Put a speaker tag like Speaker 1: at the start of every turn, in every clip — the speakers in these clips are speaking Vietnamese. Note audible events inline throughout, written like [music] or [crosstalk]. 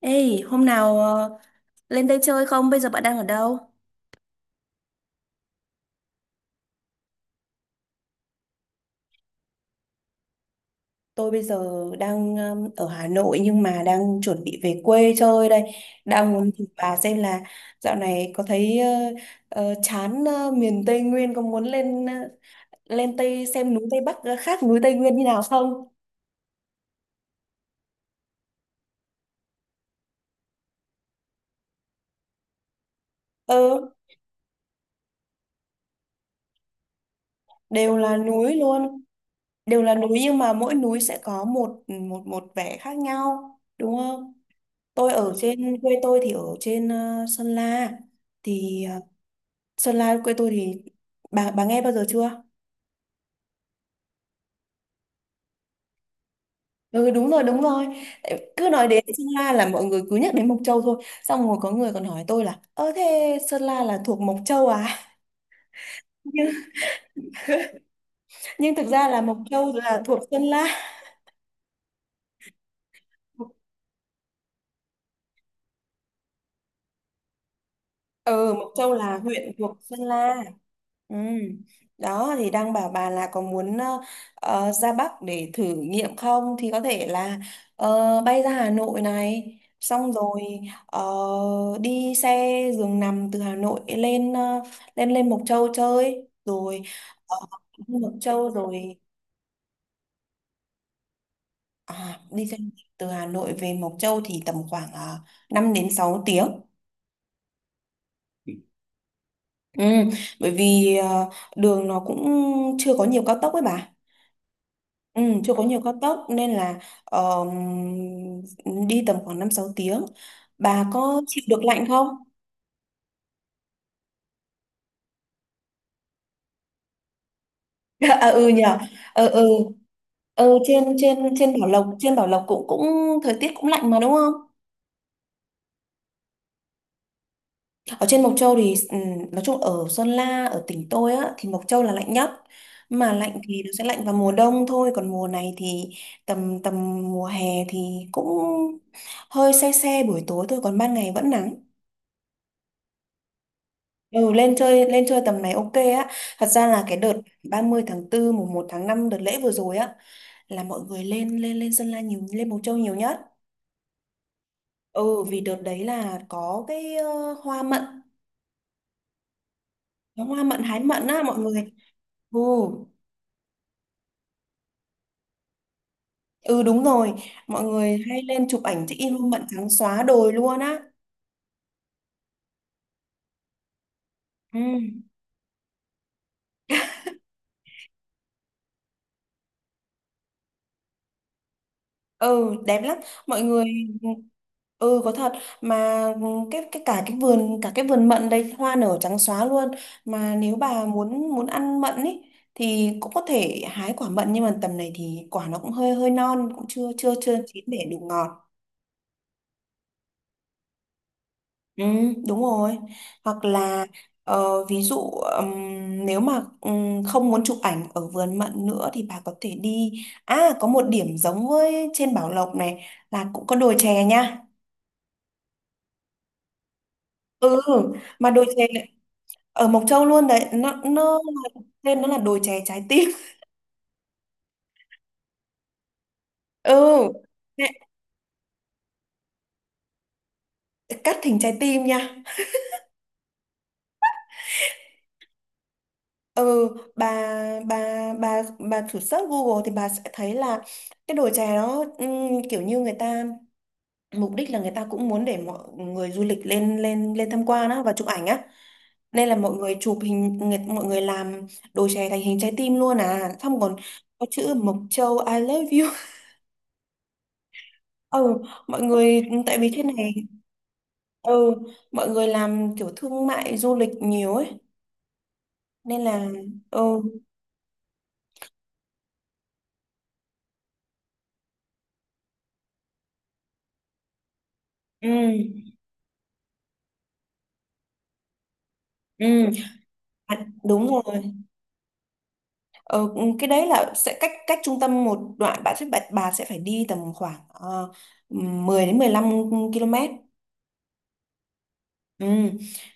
Speaker 1: Ê, hôm nào lên đây chơi không? Bây giờ bạn đang ở đâu? Tôi bây giờ đang ở Hà Nội nhưng mà đang chuẩn bị về quê chơi đây. Đang muốn thử bà xem là dạo này có thấy chán, miền Tây Nguyên có muốn lên, lên Tây xem núi Tây Bắc khác núi Tây Nguyên như nào không? Ừ, đều là núi luôn. Đều là núi nhưng mà mỗi núi sẽ có một một một vẻ khác nhau, đúng không? Tôi ở trên quê tôi thì ở trên Sơn La thì, Sơn La quê tôi thì bà nghe bao giờ chưa? Ừ đúng rồi, đúng rồi. Tại cứ nói đến Sơn La là mọi người cứ nhắc đến Mộc Châu thôi. Xong rồi có người còn hỏi tôi là, ơ thế Sơn La là thuộc Mộc Châu à? [laughs] Nhưng, nhưng thực ra là Mộc Châu là thuộc Sơn La. Ừ, Mộc Châu là huyện thuộc Sơn La. Ừ. Đó thì đang bảo bà là có muốn ra Bắc để thử nghiệm không, thì có thể là bay ra Hà Nội này xong rồi ờ, đi xe giường nằm từ Hà Nội lên, ờ, lên lên Mộc Châu chơi, rồi ờ, Mộc Châu rồi, à, đi xe từ Hà Nội về Mộc Châu thì tầm khoảng 5 đến 6 tiếng. Ừ, bởi vì đường nó cũng chưa có nhiều cao tốc ấy bà. Ừ, chưa có nhiều cao tốc nên là ờ, đi tầm khoảng 5 6 tiếng. Bà có chịu được lạnh không? [laughs] À, ừ nhờ. Ừ, ừ. Ừ, trên trên trên Bảo Lộc cũng cũng thời tiết cũng lạnh mà đúng không? Ở trên Mộc Châu thì, ừ, nói chung ở Sơn La, ở tỉnh tôi á thì Mộc Châu là lạnh nhất. Mà lạnh thì nó sẽ lạnh vào mùa đông thôi, còn mùa này thì tầm tầm mùa hè thì cũng hơi se se buổi tối thôi, còn ban ngày vẫn nắng. Ừ, lên chơi tầm này ok á. Thật ra là cái đợt 30/4 1/5 đợt lễ vừa rồi á là mọi người lên lên lên Sơn La nhiều, lên Mộc Châu nhiều nhất. Ừ vì đợt đấy là có cái hoa mận, có hoa mận hái mận á mọi người. Ừ. Ừ đúng rồi, mọi người hay lên chụp ảnh check in hoa mận trắng xóa đồi luôn á. Ừ. Ừ đẹp lắm mọi người. Ừ có thật, mà cái cả cái vườn mận đây hoa nở trắng xóa luôn, mà nếu bà muốn muốn ăn mận ấy thì cũng có thể hái quả mận, nhưng mà tầm này thì quả nó cũng hơi hơi non cũng chưa chưa chưa chín để đủ ngọt. Ừ đúng rồi. Hoặc là, ví dụ, nếu mà không muốn chụp ảnh ở vườn mận nữa thì bà có thể đi, à có một điểm giống với trên Bảo Lộc này là cũng có đồi chè nha. Ừ, mà đồi chè này, ở Mộc Châu luôn đấy, nó tên nó là đồi chè trái tim. [laughs] Ừ. Nè, cắt thành trái tim nha. Ừ. bà bà bà thử search Google thì bà sẽ thấy là cái đồi chè đó, kiểu như người ta, mục đích là người ta cũng muốn để mọi người du lịch lên lên lên tham quan á và chụp ảnh á, nên là mọi người chụp hình người, mọi người làm đồi chè thành hình trái tim luôn, à xong còn có chữ Mộc Châu I love you. Ừ, mọi người tại vì thế này, ừ mọi người làm kiểu thương mại du lịch nhiều ấy nên là, ừ, ừ, ừ, à đúng rồi. Ờ, ừ, cái đấy là sẽ cách cách trung tâm một đoạn, bạn sẽ, bà sẽ phải đi tầm khoảng uh, 10 đến 15 km. Ừ.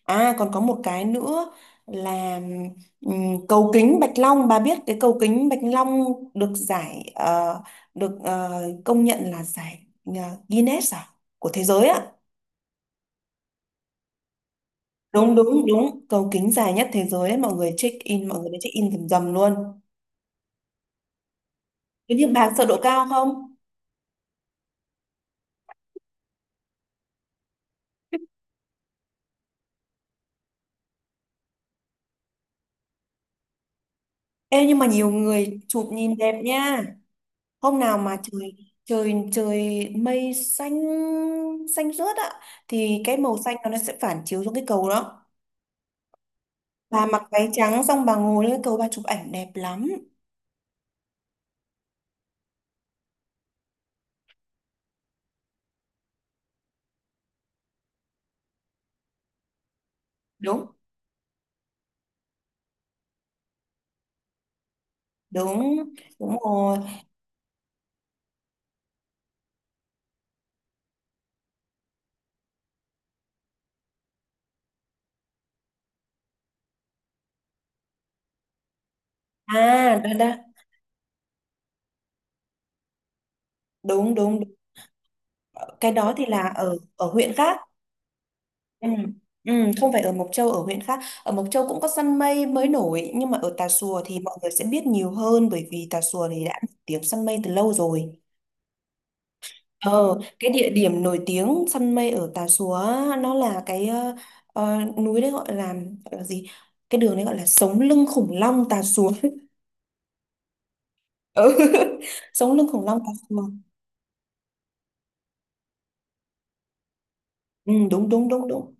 Speaker 1: À còn có một cái nữa là, cầu kính Bạch Long, bà biết cái cầu kính Bạch Long được giải, được công nhận là giải ờ, Guinness à của thế giới ạ. Đúng đúng đúng, cầu kính dài nhất thế giới đấy, mọi người check in, mọi người đã check in rầm rầm luôn. Thế nhưng bà sợ độ cao không? Ê nhưng mà nhiều người chụp nhìn đẹp nha. Hôm nào mà trời trời trời mây xanh xanh rớt ạ thì cái màu xanh nó sẽ phản chiếu xuống cái cầu đó, bà mặc váy trắng xong bà ngồi lên cái cầu bà chụp ảnh đẹp lắm. Đúng. Đúng. Đúng rồi. À đó đó. Đúng đúng, đúng. Cái đó thì là ở ở huyện khác. Ừ. Ừ, không phải ở Mộc Châu, ở huyện khác, ở Mộc Châu cũng có săn mây mới nổi nhưng mà ở Tà Xùa thì mọi người sẽ biết nhiều hơn, bởi vì Tà Xùa thì đã nổi tiếng săn mây từ lâu rồi. Ờ cái địa điểm nổi tiếng săn mây ở Tà Xùa á, nó là cái, núi đấy gọi là gì, cái đường đấy gọi là sống lưng khủng long Tà Xùa. Ừ. [laughs] Sống lưng khủng long Cà Phường. Ừ, đúng đúng đúng đúng.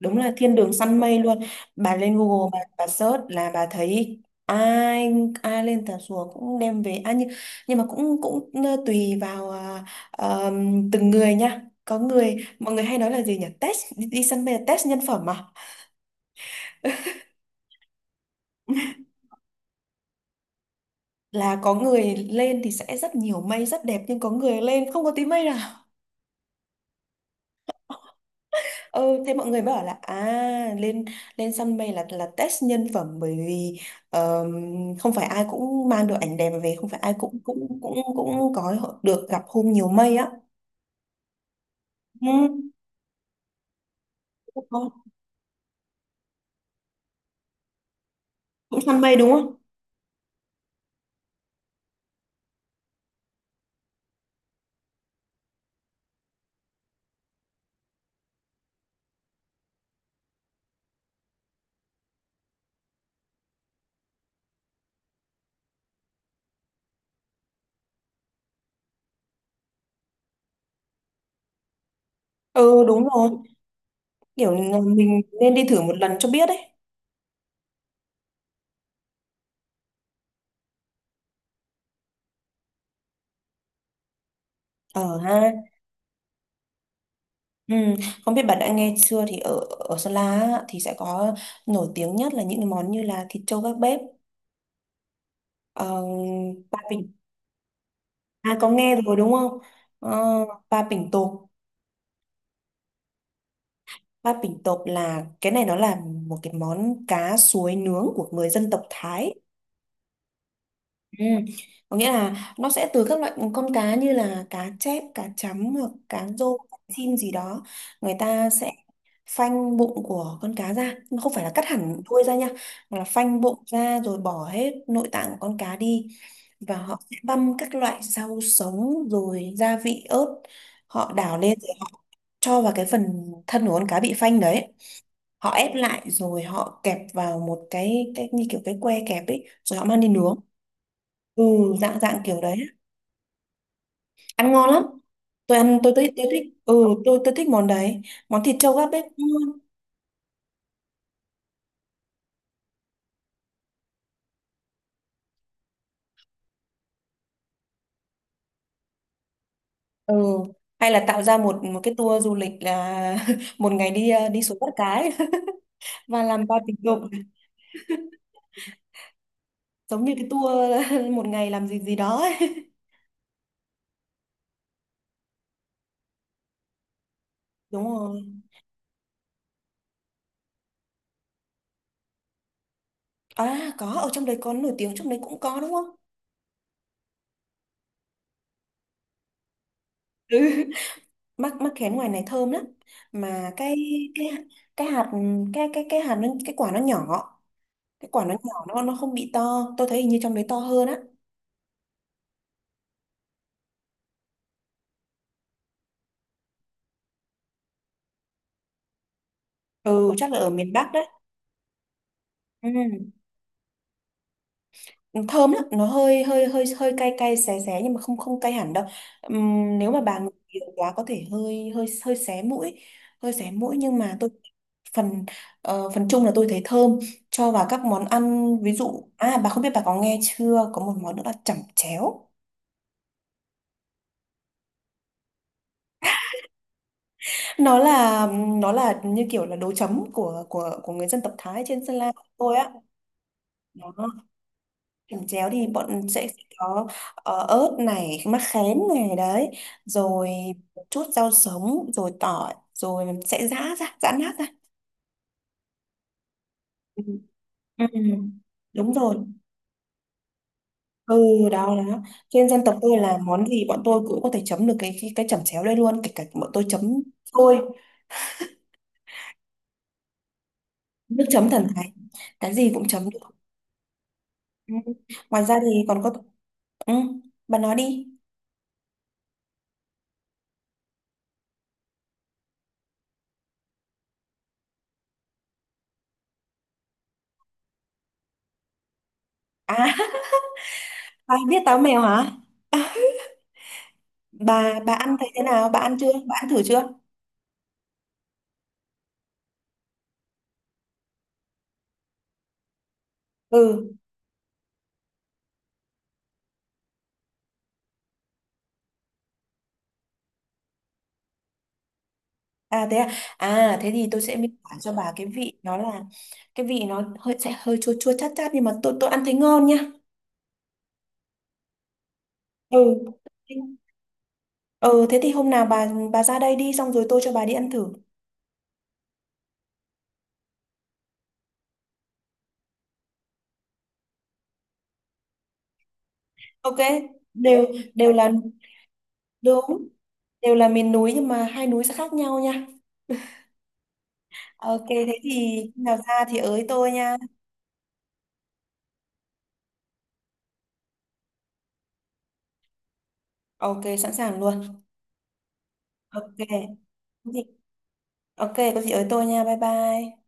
Speaker 1: Đúng là thiên đường săn mây luôn. Bà lên Google, bà search là bà thấy, ai ai lên Tà Xùa cũng đem về, à nhưng mà cũng cũng tùy vào, à, ờ, từng người nha. Có người, mọi người hay nói là gì nhỉ, test đi, đi săn mây là test nhân phẩm mà. [laughs] Là có người lên thì sẽ rất nhiều mây rất đẹp nhưng có người lên không có tí mây. Ừ, thế mọi người mới bảo là à, lên lên săn mây là test nhân phẩm, bởi vì ờm, không phải ai cũng mang được ảnh đẹp về, không phải ai cũng cũng cũng cũng có được gặp hôm nhiều mây á. Ừ, đúng rồi. Cũng săn mây đúng không? Ừ đúng rồi, kiểu mình nên đi thử một lần cho biết đấy. Ờ ha. Ừ. Không biết bạn đã nghe chưa, thì ở ở Sơn La á, thì sẽ có nổi tiếng nhất là những cái món như là thịt trâu gác bếp, ờ, ba bình, à có nghe rồi đúng không. Ờ, ba bình tộp. Bát Bình Tộp là cái này nó là một cái món cá suối nướng của người dân tộc Thái. Ừ. Có nghĩa là nó sẽ từ các loại con cá như là cá chép, cá chấm hoặc cá rô, cá chim gì đó. Người ta sẽ phanh bụng của con cá ra, không phải là cắt hẳn đuôi ra nha, mà là phanh bụng ra rồi bỏ hết nội tạng của con cá đi. Và họ sẽ băm các loại rau sống rồi gia vị ớt, họ đảo lên rồi họ cho vào cái phần thân của con cá bị phanh đấy, họ ép lại rồi họ kẹp vào một cái như kiểu cái que kẹp ấy rồi họ mang đi nướng. Ừ, dạng dạng kiểu đấy á. Ăn ngon lắm. Tôi ăn tôi thích ừ. Tôi thích món đấy, món thịt trâu gác bếp cũng ngon. Ừ, hay là tạo ra một một cái tour du lịch là [laughs] một ngày đi đi xuống bắt cá ấy. [laughs] Và làm ba tình dục giống như cái tour [laughs] một ngày làm gì gì đó ấy. Đúng rồi. À có, ở trong đấy có nổi tiếng, trong đấy cũng có đúng không. Ừ, mắc mắc khén ngoài này thơm lắm, mà cái cái hạt cái hạt nó, cái quả nó nhỏ, cái quả nó nhỏ, nó không bị to, tôi thấy hình như trong đấy to hơn á. Ừ chắc là ở miền Bắc đấy. Ừ. Thơm lắm, nó hơi hơi hơi hơi cay cay xé xé, nhưng mà không không cay hẳn đâu. Nếu mà bà ngửi nhiều quá có thể hơi hơi hơi xé mũi, hơi xé mũi, nhưng mà tôi phần, phần chung là tôi thấy thơm, cho vào các món ăn ví dụ. À bà không biết bà có nghe chưa, có một món nữa là chẩm chéo. Nó là, nó là như kiểu là đồ chấm của của người dân tộc Thái trên Sơn La của tôi á. Đó, làm chéo thì bọn sẽ có, ớt này, mắc khén này, đấy rồi, một chút rau sống rồi tỏi, rồi sẽ giã ra, giã nát ra. Ừ. Ừ. Đúng rồi. Ừ đó đó. Trên dân tộc tôi là món gì bọn tôi cũng có thể chấm được cái chẩm chéo đây luôn, kể cả bọn tôi chấm thôi. Nước chấm thần thái, cái gì cũng chấm được. Ừ. Ngoài ra thì còn có, ừ, bà nói đi. À, [laughs] bà biết táo mèo hả? [laughs] Bà ăn thấy thế nào? Bà ăn chưa? Bà ăn thử chưa? Ừ. À thế à? À thế thì tôi sẽ miêu tả cho bà cái vị nó là, cái vị nó hơi sẽ hơi chua chua chát chát, nhưng mà tôi ăn thấy ngon nha. Ừ. Ừ thế thì hôm nào bà ra đây đi xong rồi tôi cho bà đi ăn thử. Ok. Đều đều là, đúng. Đều là miền núi nhưng mà 2 núi sẽ khác nhau nha. Ok thế thì khi nào ra thì ới tôi nha. Ok sẵn sàng luôn. Ok. Có gì- Ok, có gì ở tôi nha. Bye bye.